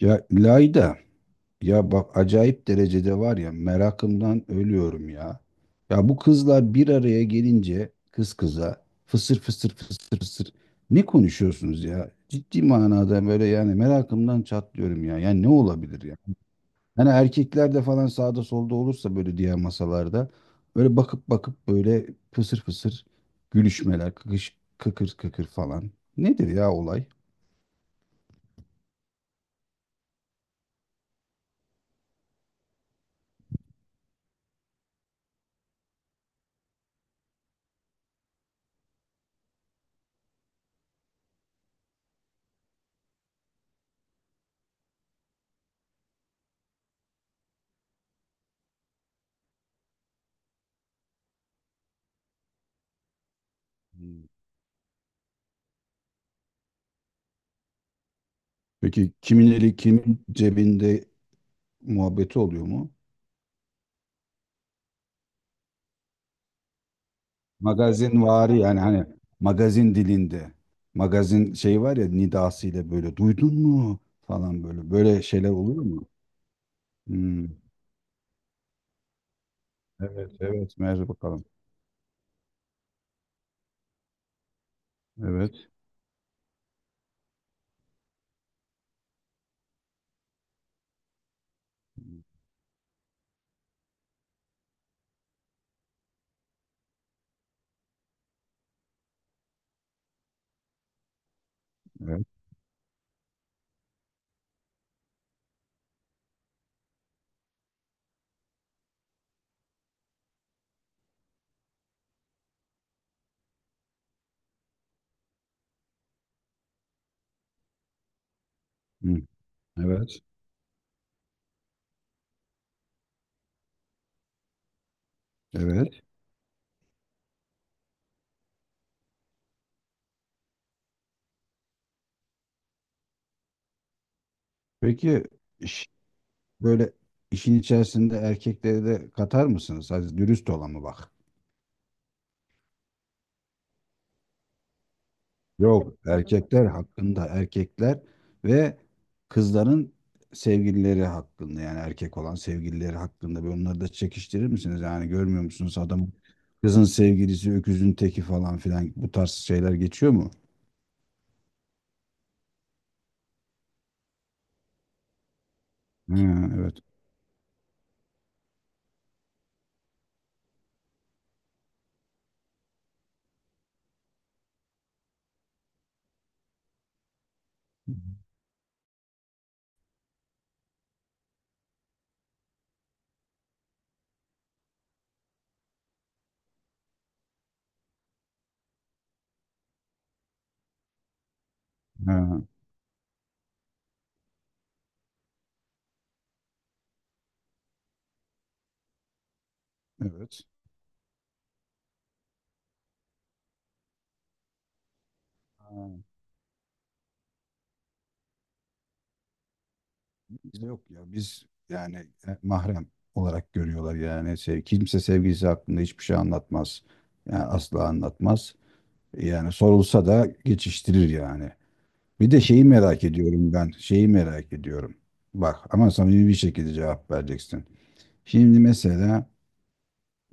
Ya Layda, ya bak acayip derecede var ya merakımdan ölüyorum ya. Ya bu kızlar bir araya gelince kız kıza fısır fısır fısır fısır ne konuşuyorsunuz ya? Ciddi manada böyle yani merakımdan çatlıyorum ya. Yani ne olabilir ya? Hani erkekler de falan sağda solda olursa böyle diğer masalarda böyle bakıp bakıp fısır fısır gülüşmeler, kıkış, kıkır kıkır falan. Nedir ya olay? Hmm. Peki kimin eli kimin cebinde muhabbeti oluyor mu? Magazin, Magazinvari yani hani magazin dilinde. Magazin şey var ya nidasıyla böyle duydun mu falan böyle. Böyle şeyler oluyor mu? Hmm. Evet, evet. Merhaba bakalım. Evet. Evet. Hmm. Evet. Evet. Peki iş- böyle işin içerisinde erkekleri de katar mısınız? Hadi dürüst olalım bak. Yok, erkekler hakkında erkekler ve kızların sevgilileri hakkında, yani erkek olan sevgilileri hakkında böyle onları da çekiştirir misiniz? Yani görmüyor musunuz adam kızın sevgilisi öküzün teki falan filan, bu tarz şeyler geçiyor mu? Ha, evet. Ha, evet. Ha, bizde yok ya, biz yani mahrem olarak görüyorlar, yani sev, kimse sevgilisi hakkında hiçbir şey anlatmaz. Yani asla anlatmaz. Yani sorulsa da geçiştirir yani. Bir de şeyi merak ediyorum ben. Şeyi merak ediyorum. Bak ama samimi bir şekilde cevap vereceksin. Şimdi mesela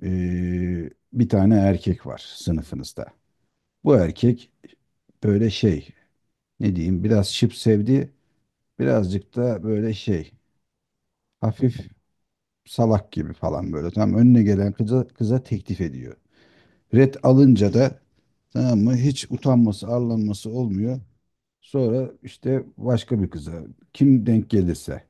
bir tane erkek var sınıfınızda. Bu erkek böyle şey, ne diyeyim, biraz şıp sevdi. Birazcık da böyle şey, hafif salak gibi falan böyle. Tamam, önüne gelen kıza teklif ediyor. Red alınca da, tamam mı, hiç utanması arlanması olmuyor. Sonra işte başka bir kıza kim denk gelirse.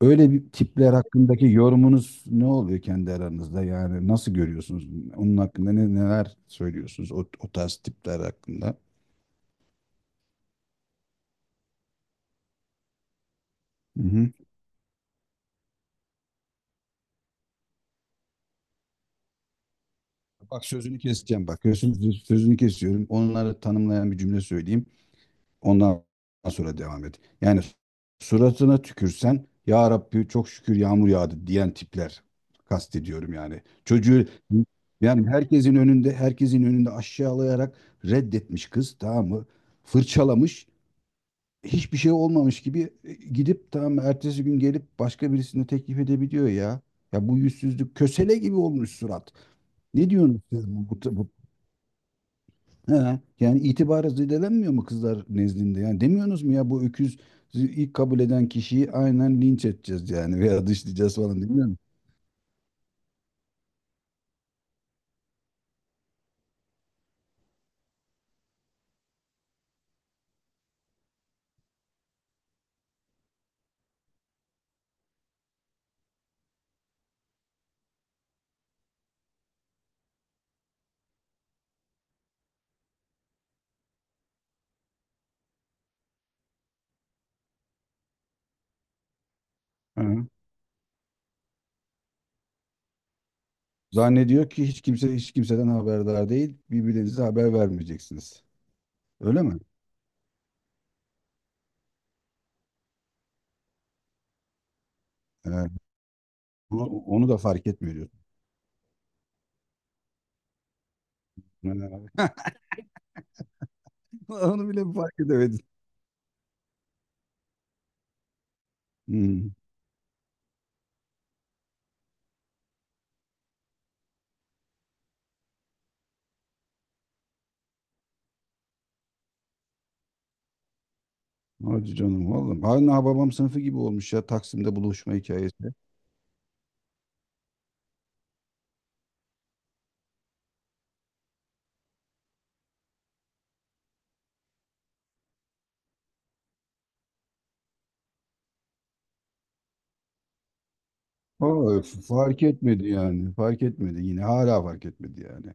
Öyle bir tipler hakkındaki yorumunuz ne oluyor kendi aranızda? Yani nasıl görüyorsunuz? Onun hakkında neler söylüyorsunuz o tarz tipler hakkında? Hı hı. Bak sözünü keseceğim bak. Sözünü kesiyorum. Onları tanımlayan bir cümle söyleyeyim. Ondan sonra devam et. Yani suratına tükürsen ya Rabbi çok şükür yağmur yağdı diyen tipler kastediyorum yani. Çocuğu yani herkesin önünde aşağılayarak reddetmiş kız, tamam mı? Fırçalamış, hiçbir şey olmamış gibi gidip, tamam, ertesi gün gelip başka birisine teklif edebiliyor ya. Ya bu yüzsüzlük kösele gibi olmuş surat. Ne diyorsunuz siz bu- He, yani itibarı zedelenmiyor mu kızlar nezdinde? Yani demiyorsunuz mu ya bu öküz ilk kabul eden kişiyi aynen linç edeceğiz yani veya dışlayacağız falan demiyor musun? Hı. Zannediyor ki hiç kimse hiç kimseden haberdar değil. Birbirinize haber vermeyeceksiniz. Öyle mi? He, onu da fark etmiyor diyorsun. He. Onu bile mi fark edemedin? Hmm. Hadi canım vallahi. Hala babam sınıfı gibi olmuş ya, Taksim'de buluşma hikayesi. Vallahi fark etmedi yani. Fark etmedi yine. Hala fark etmedi yani.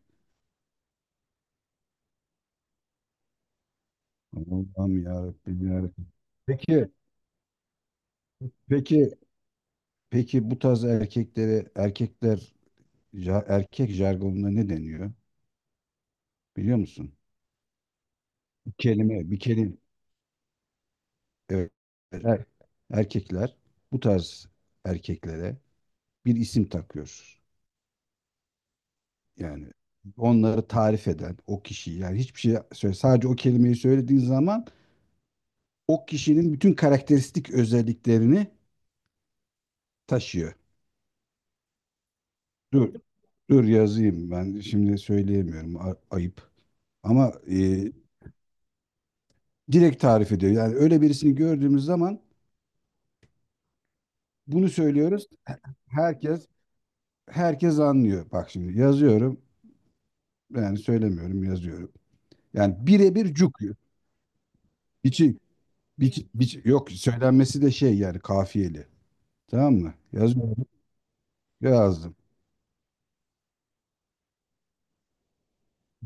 Allah'ım ya Rabbim, ya Rabbim. Peki, peki, peki bu tarz erkeklere, erkekler erkek jargonuna ne deniyor? Biliyor musun? Bir kelime. Evet. Er- erkekler bu tarz erkeklere bir isim takıyor. Yani onları tarif eden o kişi, yani hiçbir şey söyle, sadece o kelimeyi söylediğin zaman o kişinin bütün karakteristik özelliklerini taşıyor. Dur dur yazayım, ben şimdi söyleyemiyorum, ayıp. Ama direkt tarif ediyor. Yani öyle birisini gördüğümüz zaman bunu söylüyoruz. Herkes herkes anlıyor. Bak şimdi yazıyorum. Yani söylemiyorum, yazıyorum. Yani birebir cuk. Biçi, biçi- yok, söylenmesi de şey yani, kafiyeli. Tamam mı? Yazıyorum. Lazım.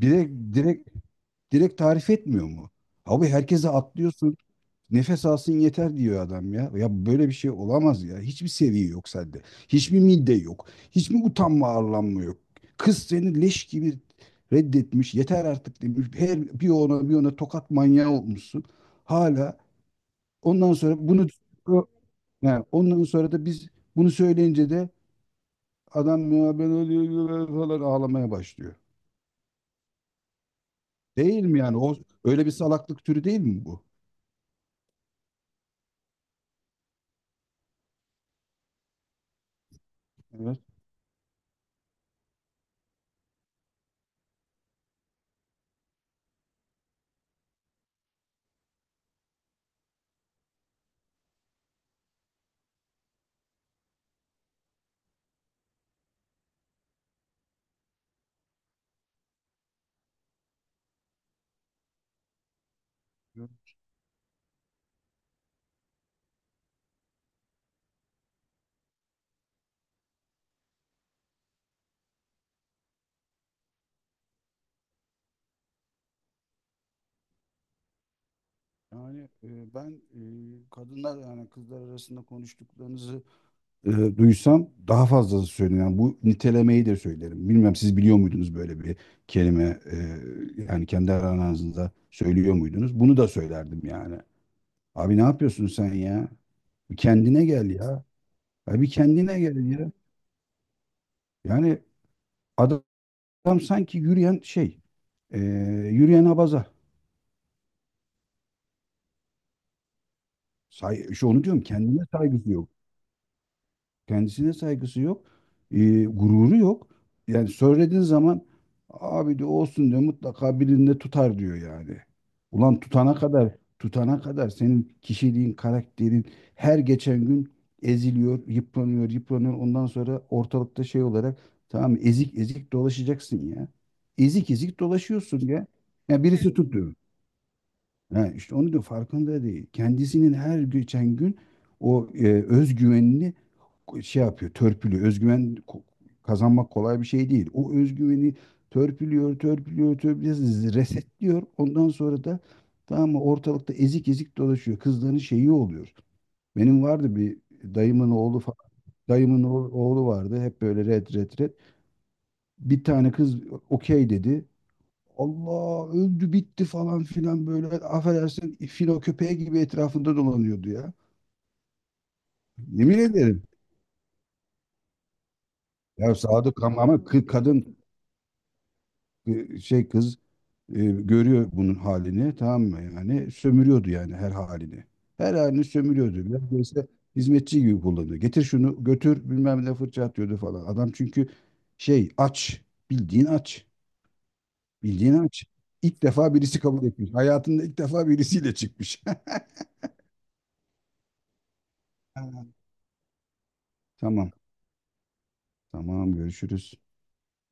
Direkt, direkt, direkt tarif etmiyor mu? Abi herkese atlıyorsun. Nefes alsın yeter diyor adam ya. Ya böyle bir şey olamaz ya. Hiçbir seviye yok sende. Hiçbir midde yok. Hiçbir utanma arlanma yok. Kız seni leş gibi reddetmiş. Yeter artık demiş. Her bir ona bir ona tokat manyağı olmuşsun. Hala ondan sonra bunu o- yani ondan sonra da biz bunu söyleyince de adam ya ben öyle öyle öyle" falan ağlamaya başlıyor. Değil mi yani? O öyle bir salaklık türü değil mi bu? Evet. Evet. Yani ben kadınlar yani kızlar arasında konuştuklarınızı e, duysam daha fazlası söylerim. Yani bu nitelemeyi de söylerim. Bilmem siz biliyor muydunuz böyle bir kelime, yani kendi aranızda söylüyor muydunuz? Bunu da söylerdim yani. Abi ne yapıyorsun sen ya? Bir kendine gel ya. Ya bir kendine gel ya. Yani adam sanki yürüyen şey, e, yürüyen abaza. İşte onu diyorum, kendine saygısı yok. Kendisine saygısı yok. Gururu yok. Yani söylediğin zaman abi diyor olsun diyor, mutlaka birinde tutar diyor yani. Ulan tutana kadar senin kişiliğin, karakterin her geçen gün eziliyor, yıpranıyor. Ondan sonra ortalıkta şey olarak, tamam, ezik ezik dolaşacaksın ya. Ezik ezik dolaşıyorsun ya. Ya birisi tutuyor. Ha, işte onu diyor, farkında değil. Kendisinin her geçen gün o özgüvenini şey yapıyor, törpülüyor. Özgüven kazanmak kolay bir şey değil. O özgüveni törpülüyor, resetliyor. Ondan sonra da, tamam mı, ortalıkta ezik ezik dolaşıyor. Kızların şeyi oluyor. Benim vardı bir dayımın oğlu falan. Dayımın oğlu vardı. Hep böyle red. Bir tane kız okey dedi. Allah öldü bitti falan filan, böyle affedersin filo köpeği gibi etrafında dolanıyordu ya. Yemin ederim. Ya sadık, ama kadın, kız, görüyor bunun halini, tamam mı, yani sömürüyordu yani her halini. Her halini sömürüyordu. Biraz böyle hizmetçi gibi kullanıyor. Getir şunu götür bilmem ne, fırça atıyordu falan. Adam çünkü şey aç, bildiğin aç, bildiğin aç. İlk defa birisi kabul etmiş. Hayatında ilk defa birisiyle çıkmış. Ha, tamam. Tamam, görüşürüz.